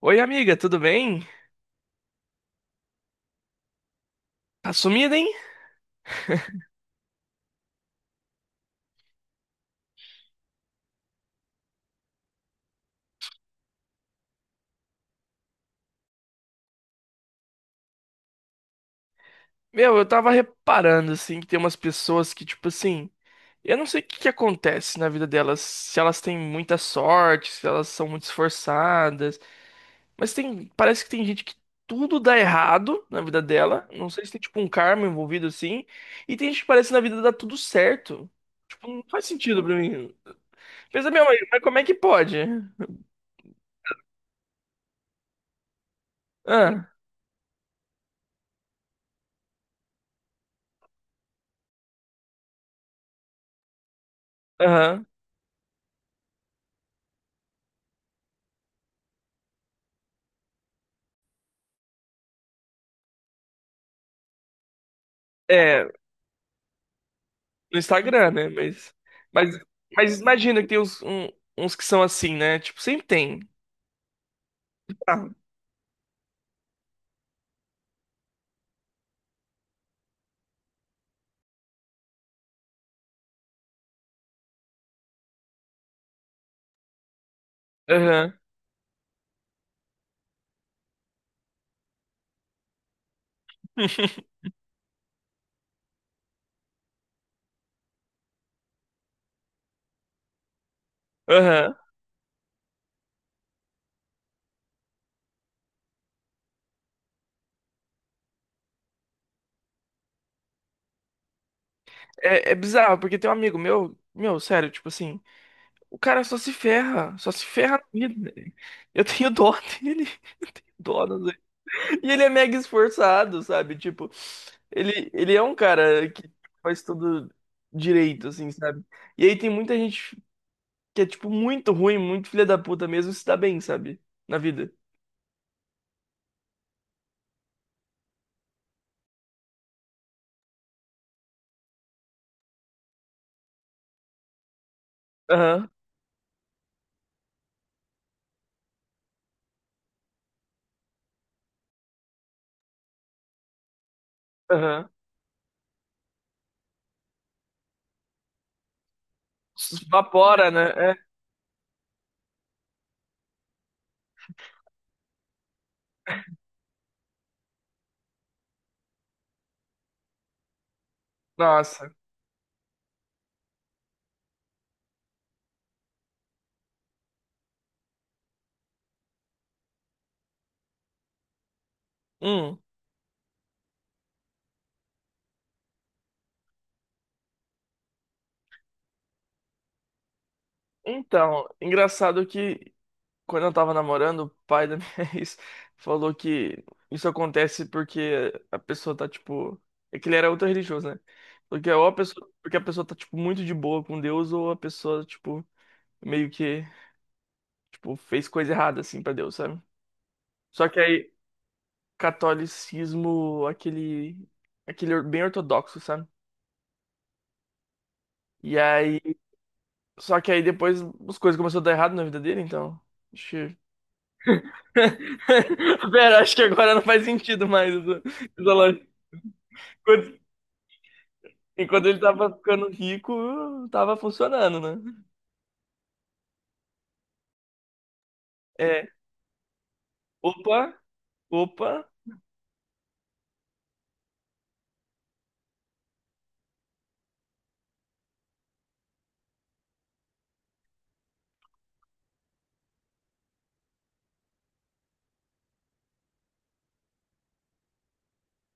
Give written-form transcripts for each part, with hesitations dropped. Oi, amiga, tudo bem? Tá sumida, hein? Meu, eu tava reparando, assim, que tem umas pessoas que, tipo assim, eu não sei o que que acontece na vida delas, se elas têm muita sorte, se elas são muito esforçadas, mas tem, parece que tem gente que tudo dá errado na vida dela, não sei se tem, tipo, um karma envolvido, assim, e tem gente que parece que na vida dá tudo certo, tipo, não faz sentido pra mim. Pensa, meu, mas como é que pode? Ah, aham, é. No Instagram, né? Mas, mas imagina que tem uns que são assim, né? Tipo, sempre tem. Ah, aham. Aham. É, é bizarro, porque tem um amigo meu, sério, tipo assim, o cara só se ferra na vida, né? Eu tenho dó dele, dó, não sei. E ele é mega esforçado, sabe? Tipo, ele é um cara que faz tudo direito, assim, sabe? E aí tem muita gente que é, tipo, muito ruim, muito filha da puta mesmo, se dá bem, sabe? Na vida. Aham. Aham. Evapora, né? É. Nossa. Hum. Então, engraçado que quando eu tava namorando, o pai da minha ex falou que isso acontece porque a pessoa tá, tipo. É que ele era ultra religioso, né? Porque a pessoa tá, tipo, muito de boa com Deus, ou a pessoa, tipo, meio que, tipo, fez coisa errada, assim, pra Deus, sabe? Só que aí, catolicismo, aquele. Aquele bem ortodoxo, sabe? E aí Só que aí depois as coisas começaram a dar errado na vida dele, então. Acho que. Pera, acho que agora não faz sentido mais essa lógica. Enquanto, enquanto ele tava ficando rico, tava funcionando, né? É. Opa, opa.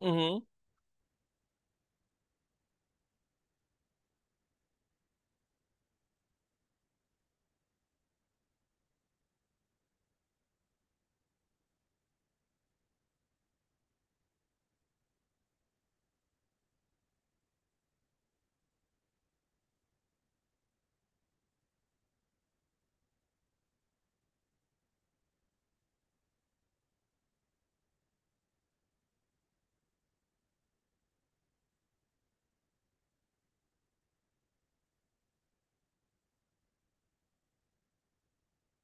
Uhum.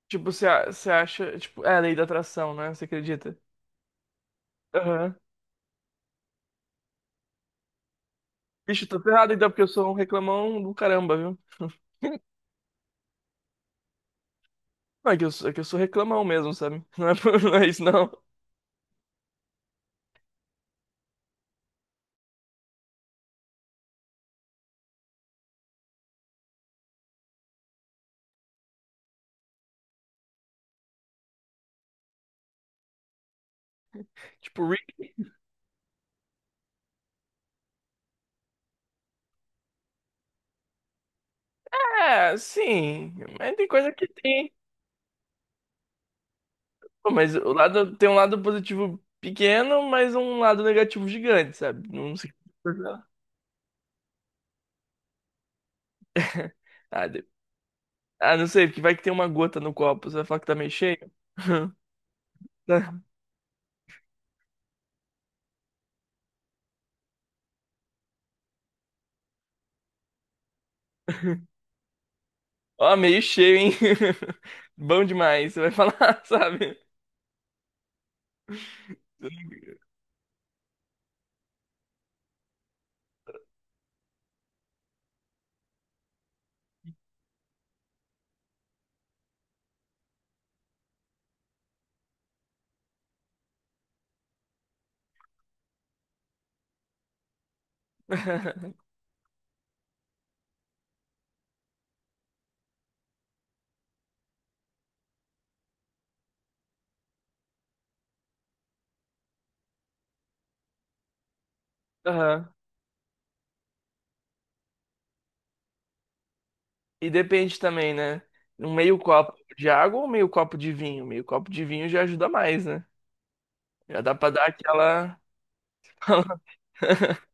Tipo, você acha. Tipo, é a lei da atração, né? Você acredita? Aham. Vixe, tô ferrado então, porque eu sou um reclamão do caramba, viu? Não, é que eu sou reclamão mesmo, sabe? Não é, não é isso, não. Tipo, Rick. É, sim. Mas tem coisa que tem. Pô, mas o lado tem um lado positivo pequeno, mas um lado negativo gigante, sabe? Não sei. Ah, não sei, porque vai que tem uma gota no copo. Você vai falar que tá meio cheio? Tá. Ó, meio cheio, hein? Bom demais, você vai falar, sabe? Aham. E depende também, né? Um meio copo de água ou meio copo de vinho? Meio copo de vinho já ajuda mais, né? Já dá pra dar aquela.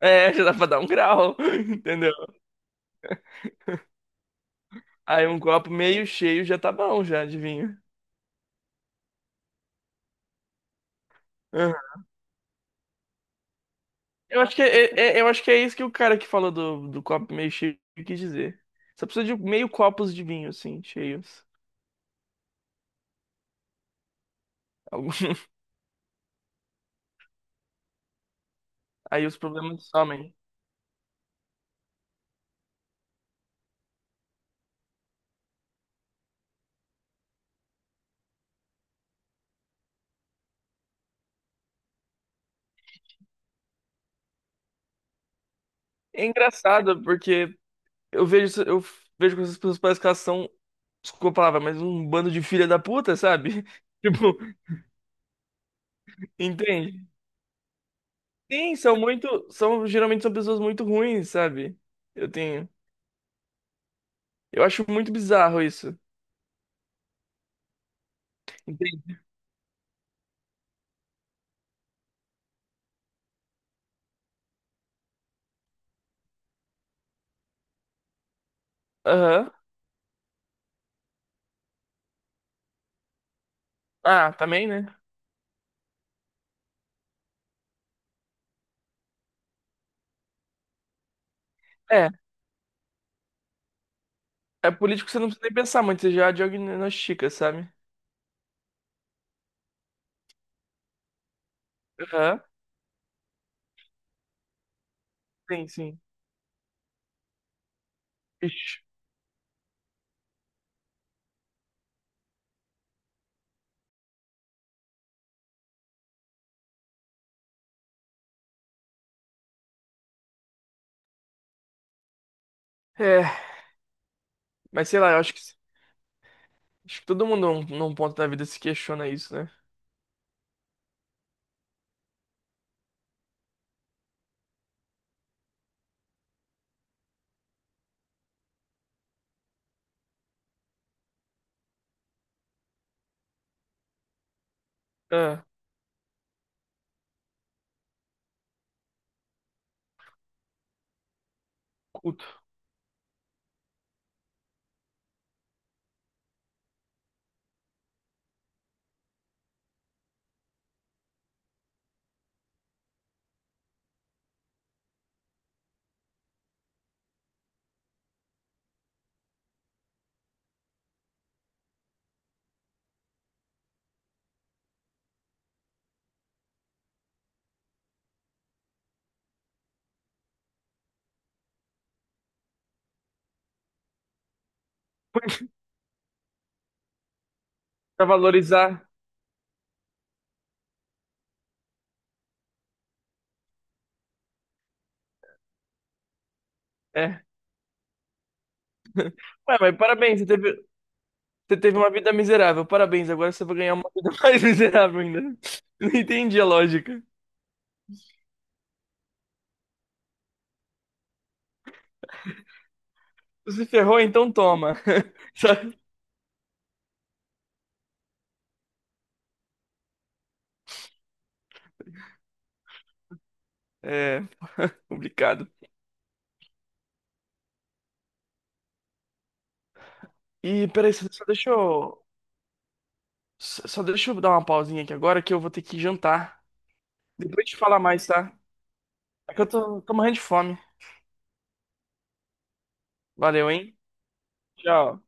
É, já dá pra dar um grau, entendeu? Aí um copo meio cheio já tá bom, já, de vinho. Aham. Eu acho que é isso que o cara que falou do copo meio cheio quis dizer. Só precisa de meio copos de vinho, assim, cheios. Algum- Aí os problemas somem. É engraçado, porque eu vejo que essas pessoas parecem que elas são, desculpa a palavra, mas um bando de filha da puta, sabe? Tipo, entende? Sim, geralmente são pessoas muito ruins, sabe? Eu tenho. Eu acho muito bizarro isso. Entendi. Aham. Ah, também, né? É. É político, você não precisa nem pensar muito, você já diagnostica, sabe? Aham. Sim, sim. Ixi. É. Mas sei lá, eu acho que todo mundo num ponto da vida se questiona isso, né? Ah, culto. Pra valorizar. É. Ué, mas parabéns, você teve uma vida miserável. Parabéns, agora você vai ganhar uma vida mais miserável ainda. Não entendi a lógica. Você ferrou, então toma. Sabe? É. Complicado. E peraí, só deixa eu. Só deixa eu dar uma pausinha aqui agora que eu vou ter que jantar. Depois te falar mais, tá? É que eu tô morrendo de fome. Valeu, hein? Tchau.